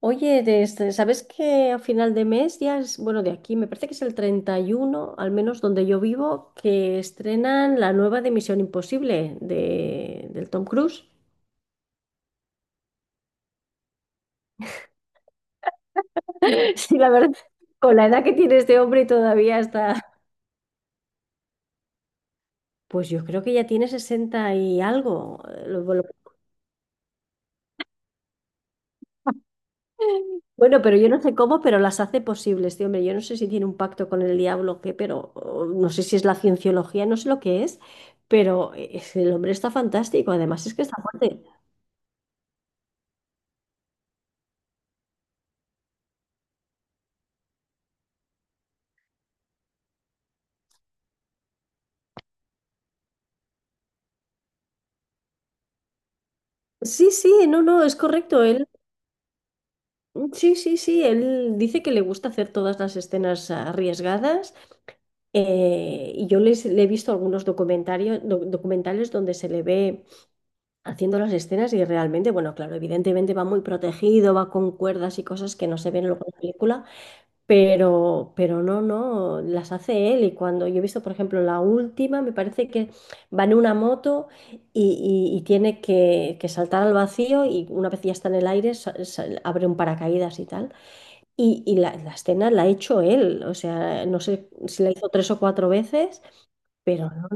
Oye, ¿sabes que a final de mes ya es, bueno, de aquí, me parece que es el 31, al menos donde yo vivo, que estrenan la nueva de Misión Imposible del Tom Cruise? Sí, la verdad, con la edad que tiene este hombre todavía está, pues yo creo que ya tiene 60 y algo. Bueno, pero yo no sé cómo, pero las hace posibles, este hombre. Yo no sé si tiene un pacto con el diablo o qué, pero o no sé si es la cienciología, no sé lo que es, pero el hombre está fantástico, además es que está fuerte. Sí, sí, no, no, es correcto. Él, mm, sí, sí, sí, él dice que le gusta hacer todas las escenas arriesgadas y le he visto algunos documentales donde se le ve haciendo las escenas y realmente, bueno, claro, evidentemente va muy protegido, va con cuerdas y cosas que no se ven luego en la película, pero no, no, las hace él. Y cuando yo he visto, por ejemplo, la última, me parece que va en una moto y tiene que saltar al vacío y una vez ya está en el aire, abre un paracaídas y tal. Y la escena la ha hecho él. O sea, no sé si la hizo tres o cuatro veces, pero no,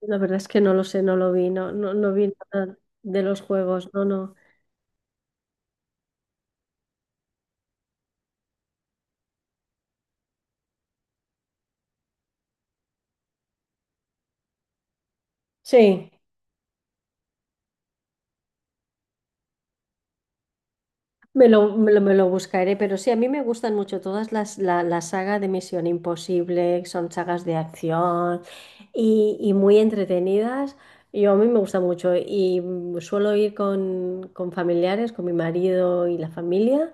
la verdad es que no lo sé, no lo vi, no, no, no vi nada de los juegos, no, no. Sí. Me lo buscaré, pero sí, a mí me gustan mucho todas la saga de Misión Imposible, son sagas de acción y muy entretenidas. Yo a mí me gusta mucho suelo ir con familiares, con mi marido y la familia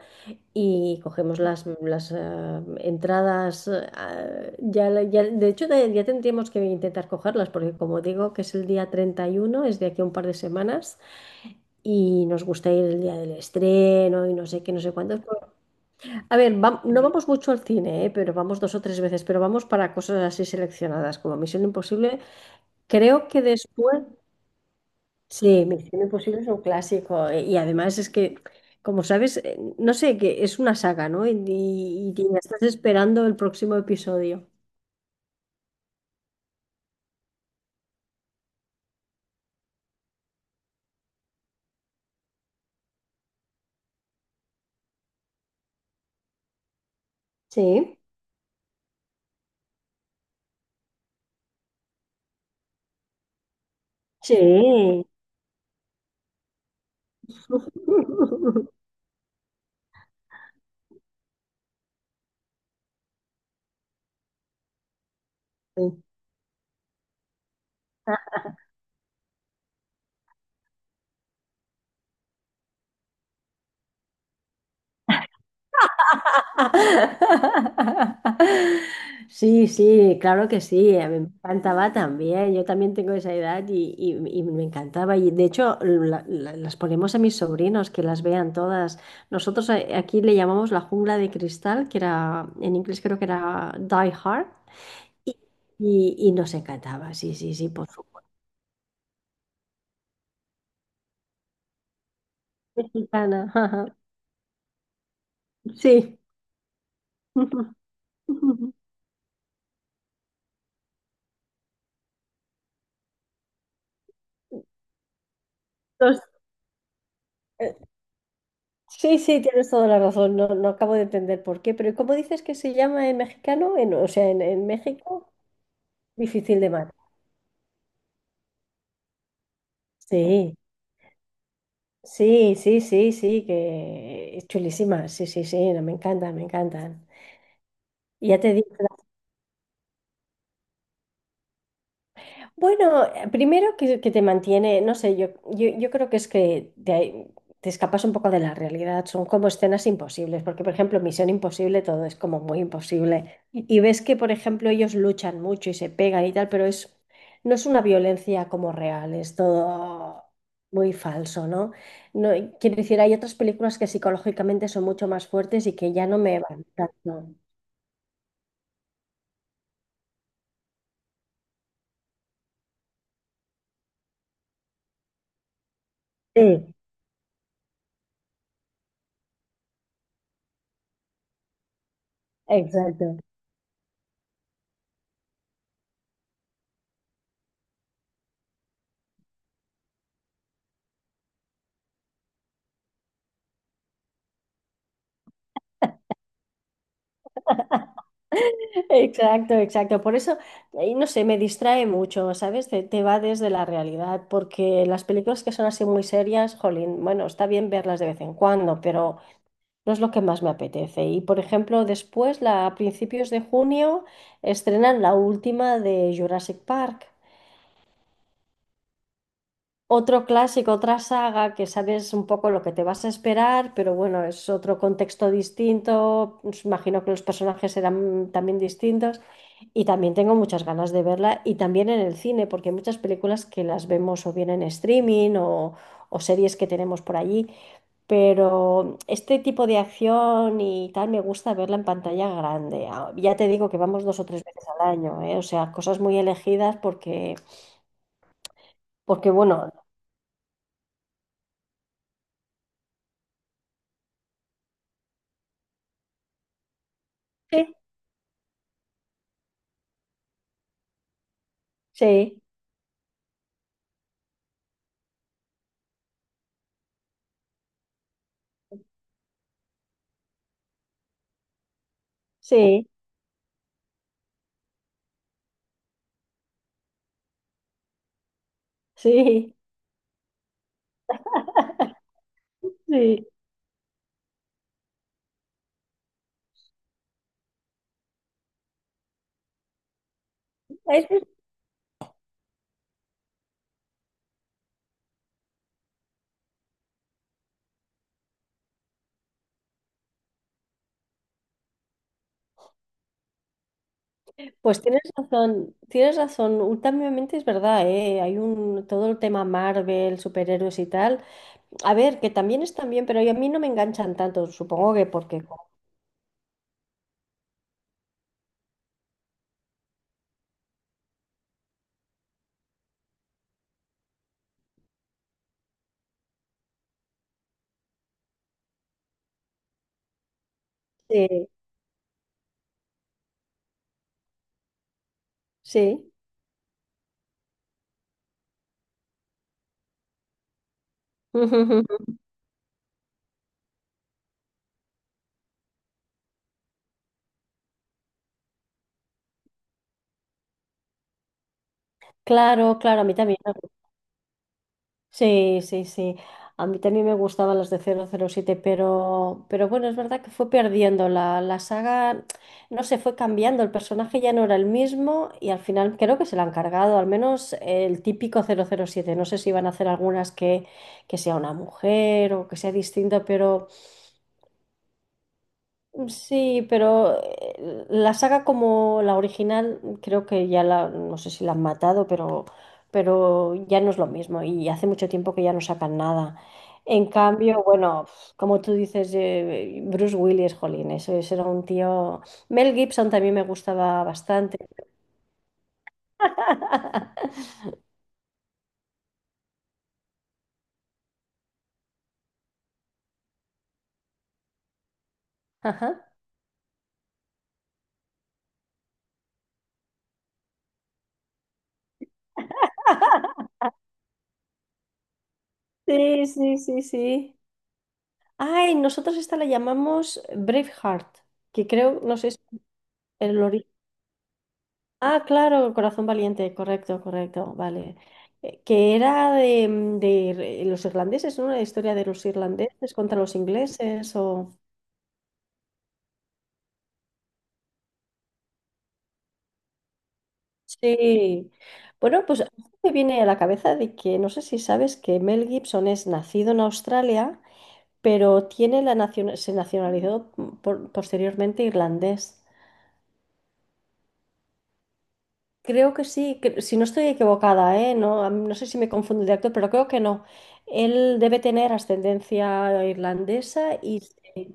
y cogemos las entradas. De hecho, ya tendríamos que intentar cogerlas porque como digo que es el día 31 es de aquí a un par de semanas y nos gusta ir el día del estreno y no sé qué, no sé cuántos. A ver, no vamos mucho al cine, ¿eh? Pero vamos dos o tres veces, pero vamos para cosas así seleccionadas como Misión Imposible. Creo que después, sí, Misión Imposible es un clásico y además es que, como sabes, no sé, que es una saga, ¿no? Y ya estás esperando el próximo episodio. Sí, sí. Sí. Sí, sí, claro que sí, a mí me encantaba también, yo también tengo esa edad y me encantaba y de hecho las ponemos a mis sobrinos que las vean todas. Nosotros aquí le llamamos la jungla de cristal, que era en inglés creo que era Die Hard y, y nos encantaba, sí, sí, sí, por supuesto. Mexicana, ajá, sí. Los- Sí, sí, tienes toda la razón. No, no acabo de entender por qué, pero ¿cómo dices que se llama en mexicano? O sea, en México, difícil de matar. Sí, sí, sí, sí, sí, que es chulísima. Sí, sí, sí, no, me encantan, me encantan. Y ya te digo. Bueno, primero que te mantiene, no sé, yo creo que es que te escapas un poco de la realidad, son como escenas imposibles, porque por ejemplo, Misión Imposible todo es como muy imposible. Y ves que, por ejemplo, ellos luchan mucho y se pegan y tal, pero es, no es una violencia como real, es todo muy falso, ¿no? No, y quiero decir, hay otras películas que psicológicamente son mucho más fuertes y que ya no me van tanto. Sí, exacto. Exacto, exacto. Por eso, no sé, me distrae mucho, ¿sabes? Te va desde la realidad, porque las películas que son así muy serias, jolín, bueno, está bien verlas de vez en cuando, pero no es lo que más me apetece. Y, por ejemplo, después, a principios de junio, estrenan la última de Jurassic Park. Otro clásico, otra saga que sabes un poco lo que te vas a esperar, pero bueno, es otro contexto distinto. Pues imagino que los personajes serán también distintos. Y también tengo muchas ganas de verla y también en el cine, porque hay muchas películas que las vemos o bien en streaming o series que tenemos por allí, pero este tipo de acción y tal me gusta verla en pantalla grande. Ah, ya te digo que vamos dos o tres veces al año, ¿eh? O sea, cosas muy elegidas porque, porque bueno, sí, sí, sí, sí, sí. Es- Pues tienes razón, tienes razón. Últimamente es verdad, ¿eh? Todo el tema Marvel, superhéroes y tal. A ver, que también están bien, pero a mí no me enganchan tanto, supongo que porque... Sí, sí. Claro, claro, a mí también. Sí, sí, sí. A mí también me gustaban las de 007, pero bueno, es verdad que fue perdiendo la saga, no sé, fue cambiando, el personaje ya no era el mismo y al final creo que se la han cargado, al menos el típico 007. No sé si van a hacer algunas que sea una mujer o que sea distinta, pero... Sí, pero la saga como la original, creo que ya no sé si la han matado, pero ya no es lo mismo y hace mucho tiempo que ya no sacan nada. En cambio, bueno, como tú dices, Bruce Willis, jolín, eso, ese era un tío. Mel Gibson también me gustaba bastante. Ajá. Sí, sí, sí, sí. Ay, nosotros esta la llamamos Braveheart, que creo, no sé, si- el origen. Ah, claro, Corazón Valiente, correcto, correcto, vale. Que era de, mm, de los irlandeses, ¿no? Una historia de los irlandeses contra los ingleses o... Sí. Bueno, pues a mí me viene a la cabeza de que no sé si sabes que Mel Gibson es nacido en Australia, pero tiene se nacionalizó posteriormente irlandés. Creo que sí, que- si no estoy equivocada, ¿eh? No, a no sé si me confundo de actor, pero creo que no. Él debe tener ascendencia irlandesa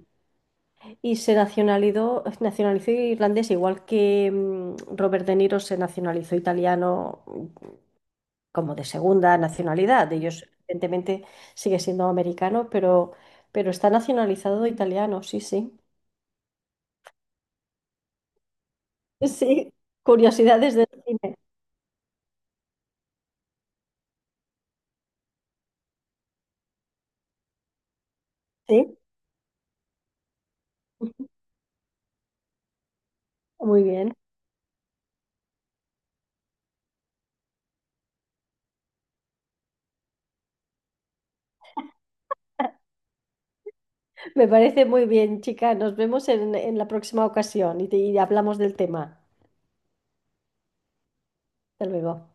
y se nacionalizó irlandés, igual que mm, Robert De Niro se nacionalizó italiano mm, como de segunda nacionalidad. Ellos, evidentemente, sigue siendo americano, pero está nacionalizado italiano, sí, sí. Sí, curiosidades del cine. Sí, muy bien. Me parece muy bien, chica. Nos vemos en la próxima ocasión y hablamos del tema. Hasta luego.